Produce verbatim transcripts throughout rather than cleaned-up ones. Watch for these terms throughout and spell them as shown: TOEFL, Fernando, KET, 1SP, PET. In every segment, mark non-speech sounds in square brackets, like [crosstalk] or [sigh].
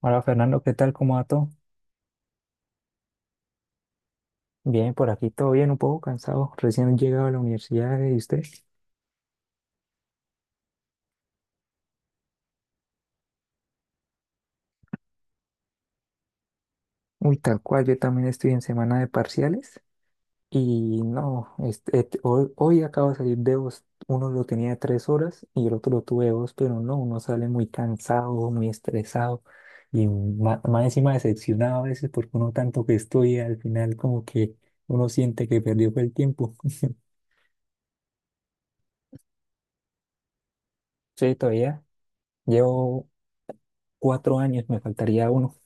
Hola Fernando, ¿qué tal? ¿Cómo va todo? Bien, por aquí todo bien, un poco cansado. Recién llegado a la universidad y usted. Uy, tal cual, yo también estoy en semana de parciales y no, este, et- hoy, hoy acabo de salir de dos. Uno lo tenía de tres horas y el otro lo tuve de dos, pero no, uno sale muy cansado, muy estresado y ma- más, encima decepcionado a veces porque uno tanto que estudia, al final como que uno siente que perdió fue el tiempo. [laughs] Sí, todavía llevo cuatro años, me faltaría uno.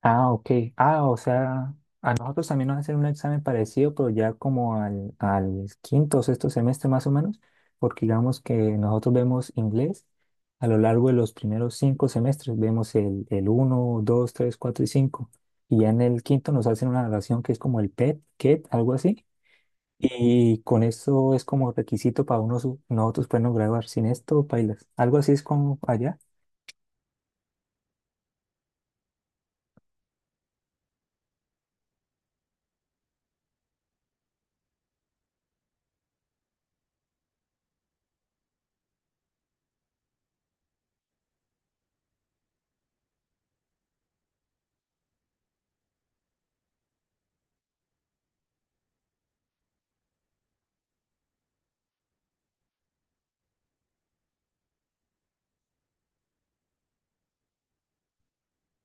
Ah, ok. Ah, o sea, a nosotros también nos hacen un examen parecido, pero ya como al, al quinto o sexto semestre más o menos, porque digamos que nosotros vemos inglés a lo largo de los primeros cinco semestres, vemos el, el uno, dos, tres, cuatro y cinco, y ya en el quinto nos hacen una evaluación que es como el P E T, K E T, algo así, y con eso es como requisito para uno, su- nosotros podernos graduar, sin esto, pailas. Algo así es como allá.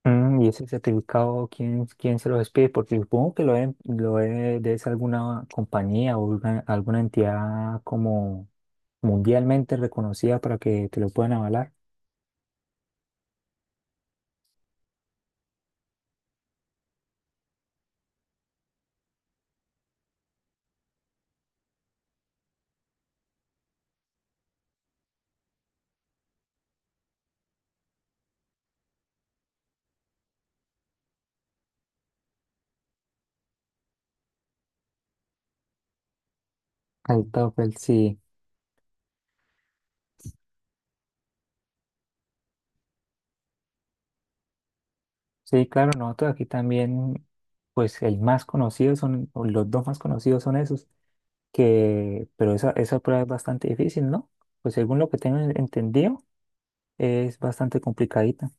Mm, ¿y ese certificado quién, quién se lo despide? Porque supongo que lo, deben- lo debe, debe ser alguna compañía o alguna, alguna entidad como mundialmente reconocida para que te lo puedan avalar. El TOEFL, sí. Sí, claro, nosotros aquí también, pues el más conocido son, o los dos más conocidos son esos, que, pero esa, esa prueba es bastante difícil, ¿no? Pues según lo que tengo entendido, es bastante complicadita.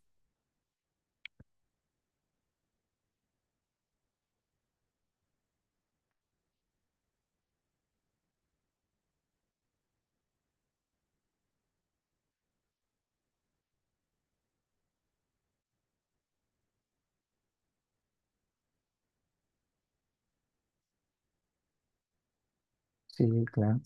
Sí, claro.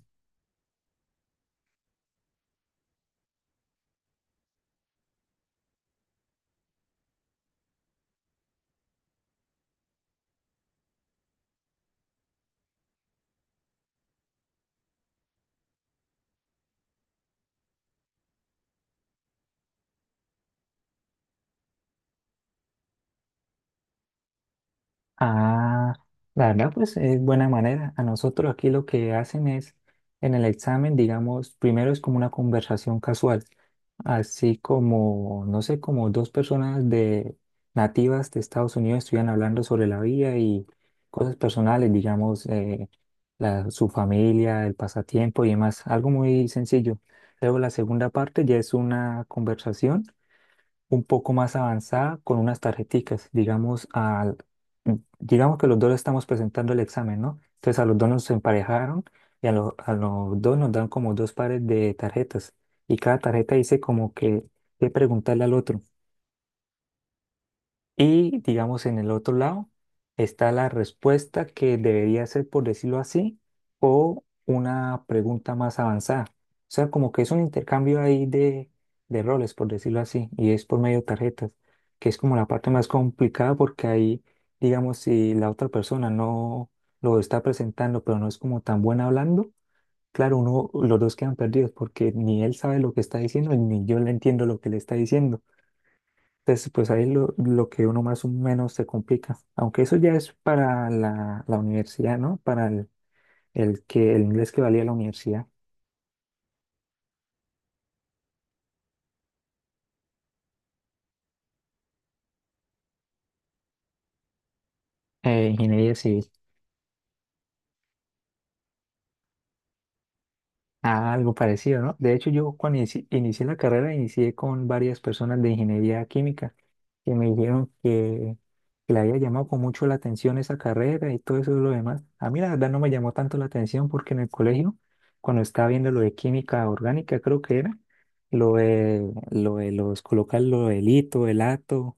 Ah, la verdad, pues es buena manera. A nosotros aquí lo que hacen es, en el examen, digamos, primero es como una conversación casual, así como, no sé, como dos personas de nativas de Estados Unidos estuvieran hablando sobre la vida y cosas personales, digamos, eh, la, su familia, el pasatiempo y demás, algo muy sencillo. Luego la segunda parte ya es una conversación un poco más avanzada con unas tarjeticas, digamos, al, digamos que los dos estamos presentando el examen, ¿no? Entonces a los dos nos emparejaron y a, lo- a los dos nos dan como dos pares de tarjetas y cada tarjeta dice como que qué preguntarle al otro. Y digamos en el otro lado está la respuesta que debería ser, por decirlo así, o una pregunta más avanzada. O sea, como que es un intercambio ahí de, de roles, por decirlo así, y es por medio de tarjetas, que es como la parte más complicada porque ahí, digamos, si la otra persona no lo está presentando, pero no es como tan buena hablando, claro, uno, los dos quedan perdidos porque ni él sabe lo que está diciendo, ni yo le entiendo lo que le está diciendo. Entonces, pues ahí lo, lo que uno más o menos se complica. Aunque eso ya es para la, la universidad, ¿no? Para el, el que, el inglés que valía la universidad, eh, ingeniería civil. Ah, algo parecido, ¿no? De hecho, yo cuando inici- inicié la carrera, inicié con varias personas de ingeniería química que me dijeron que, que le había llamado con mucho la atención esa carrera y todo eso y lo demás. A mí la verdad no me llamó tanto la atención porque en el colegio, cuando estaba viendo lo de química orgánica, creo que era, lo de, lo de los colocar lo del hito, el ato.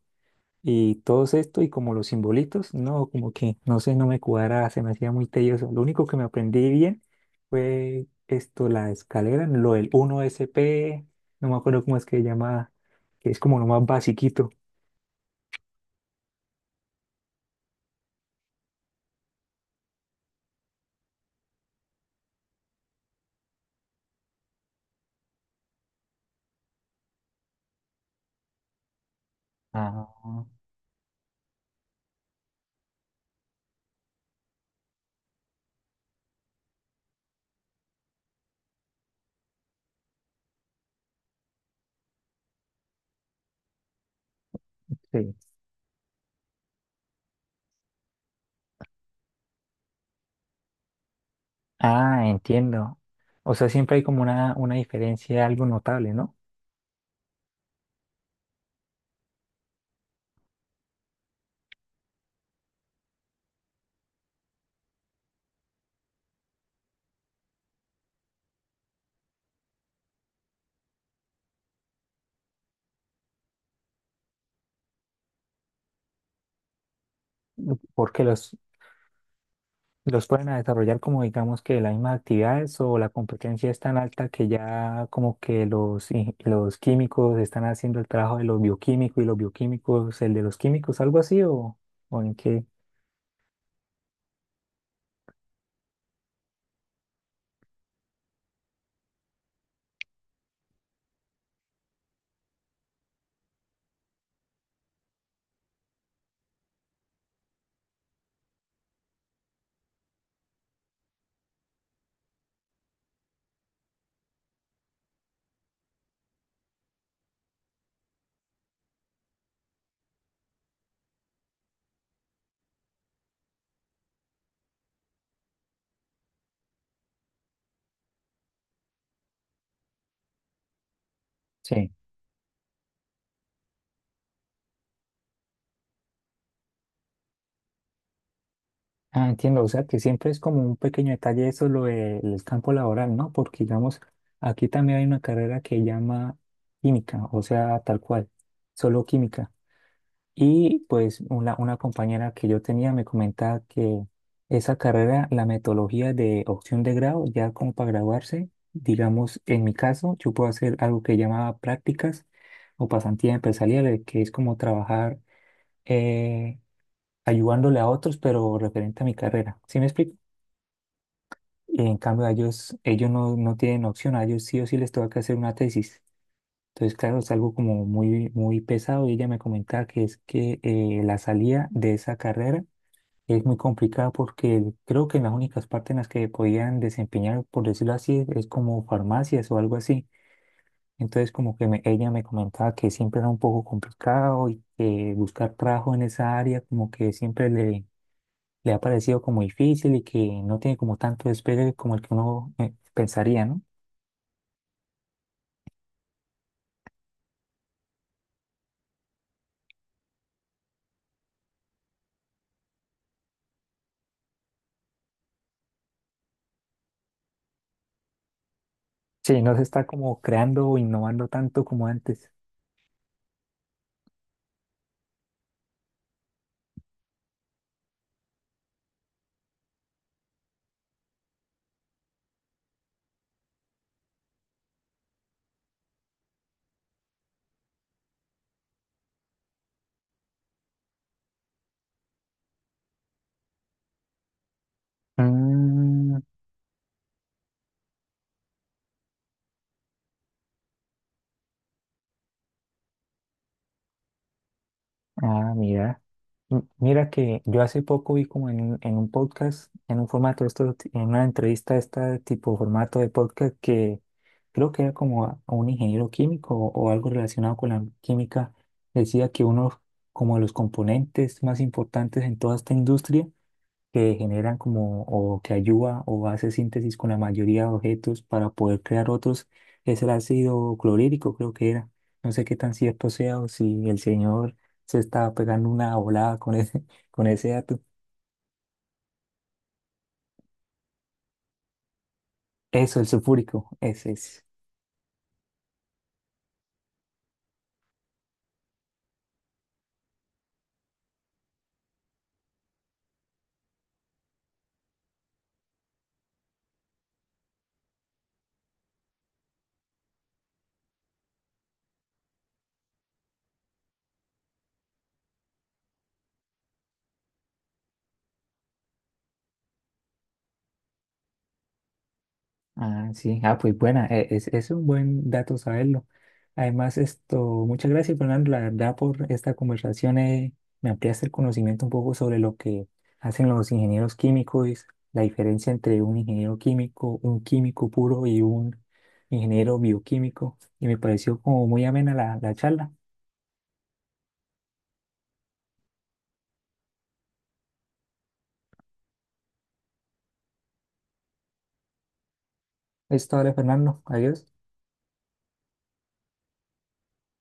Y todo esto y como los simbolitos, no, como que no sé, no me cuadra, se me hacía muy tedioso. Lo único que me aprendí bien fue esto, la escalera, lo del uno S P, no me acuerdo cómo es que se llama, que es como lo más basiquito. Ah, sí. Ah, entiendo. O sea, siempre hay como una, una diferencia algo notable, ¿no? Porque los, Los pueden a desarrollar como digamos que las mismas actividades o la competencia es tan alta que ya como que los, in- los químicos están haciendo el trabajo de los bioquímicos y los bioquímicos el de los químicos, algo así o, o en qué. Sí. Ah, entiendo, o sea que siempre es como un pequeño detalle eso lo del campo laboral, ¿no? Porque digamos, aquí también hay una carrera que llama química, o sea, tal cual, solo química. Y pues una, una compañera que yo tenía me comentaba que esa carrera, la metodología de opción de grado, ya como para graduarse, digamos, en mi caso, yo puedo hacer algo que llamaba prácticas o pasantías empresariales, que es como trabajar eh, ayudándole a otros, pero referente a mi carrera. ¿Sí me explico? Y en cambio, a ellos, ellos no, no tienen opción, a ellos sí o sí les toca que hacer una tesis. Entonces, claro, es algo como muy, muy pesado y ella me comentaba que es que eh, la salida de esa carrera es muy complicado porque creo que las únicas partes en las que podían desempeñar, por decirlo así, es como farmacias o algo así. Entonces como que me- ella me comentaba que siempre era un poco complicado y que buscar trabajo en esa área como que siempre le, le ha parecido como difícil y que no tiene como tanto despegue como el que uno eh, pensaría, ¿no? Sí, no se está como creando o innovando tanto como antes. Mm, ah, mira. M- Mira que yo hace poco vi como en un, en un podcast, en un formato, de esto, en una entrevista de este tipo formato de podcast que creo que era como a a un ingeniero químico o, o algo relacionado con la química, decía que uno como de los componentes más importantes en toda esta industria que generan como o que ayuda o hace síntesis con la mayoría de objetos para poder crear otros, es el ácido clorhídrico, creo que era. No sé qué tan cierto sea o si el señor se estaba pegando una volada con ese, [laughs] con ese dato. Eso, el sulfúrico, ese es. Ah, sí, ah, pues buena, e- es, es un buen dato saberlo. Además, esto, muchas gracias, Fernando, la verdad, por esta conversación. Eh, me ampliaste el conocimiento un poco sobre lo que hacen los ingenieros químicos, la diferencia entre un ingeniero químico, un químico puro y un ingeniero bioquímico. Y me pareció como muy amena la, la charla. Es todo, Fernando. Adiós.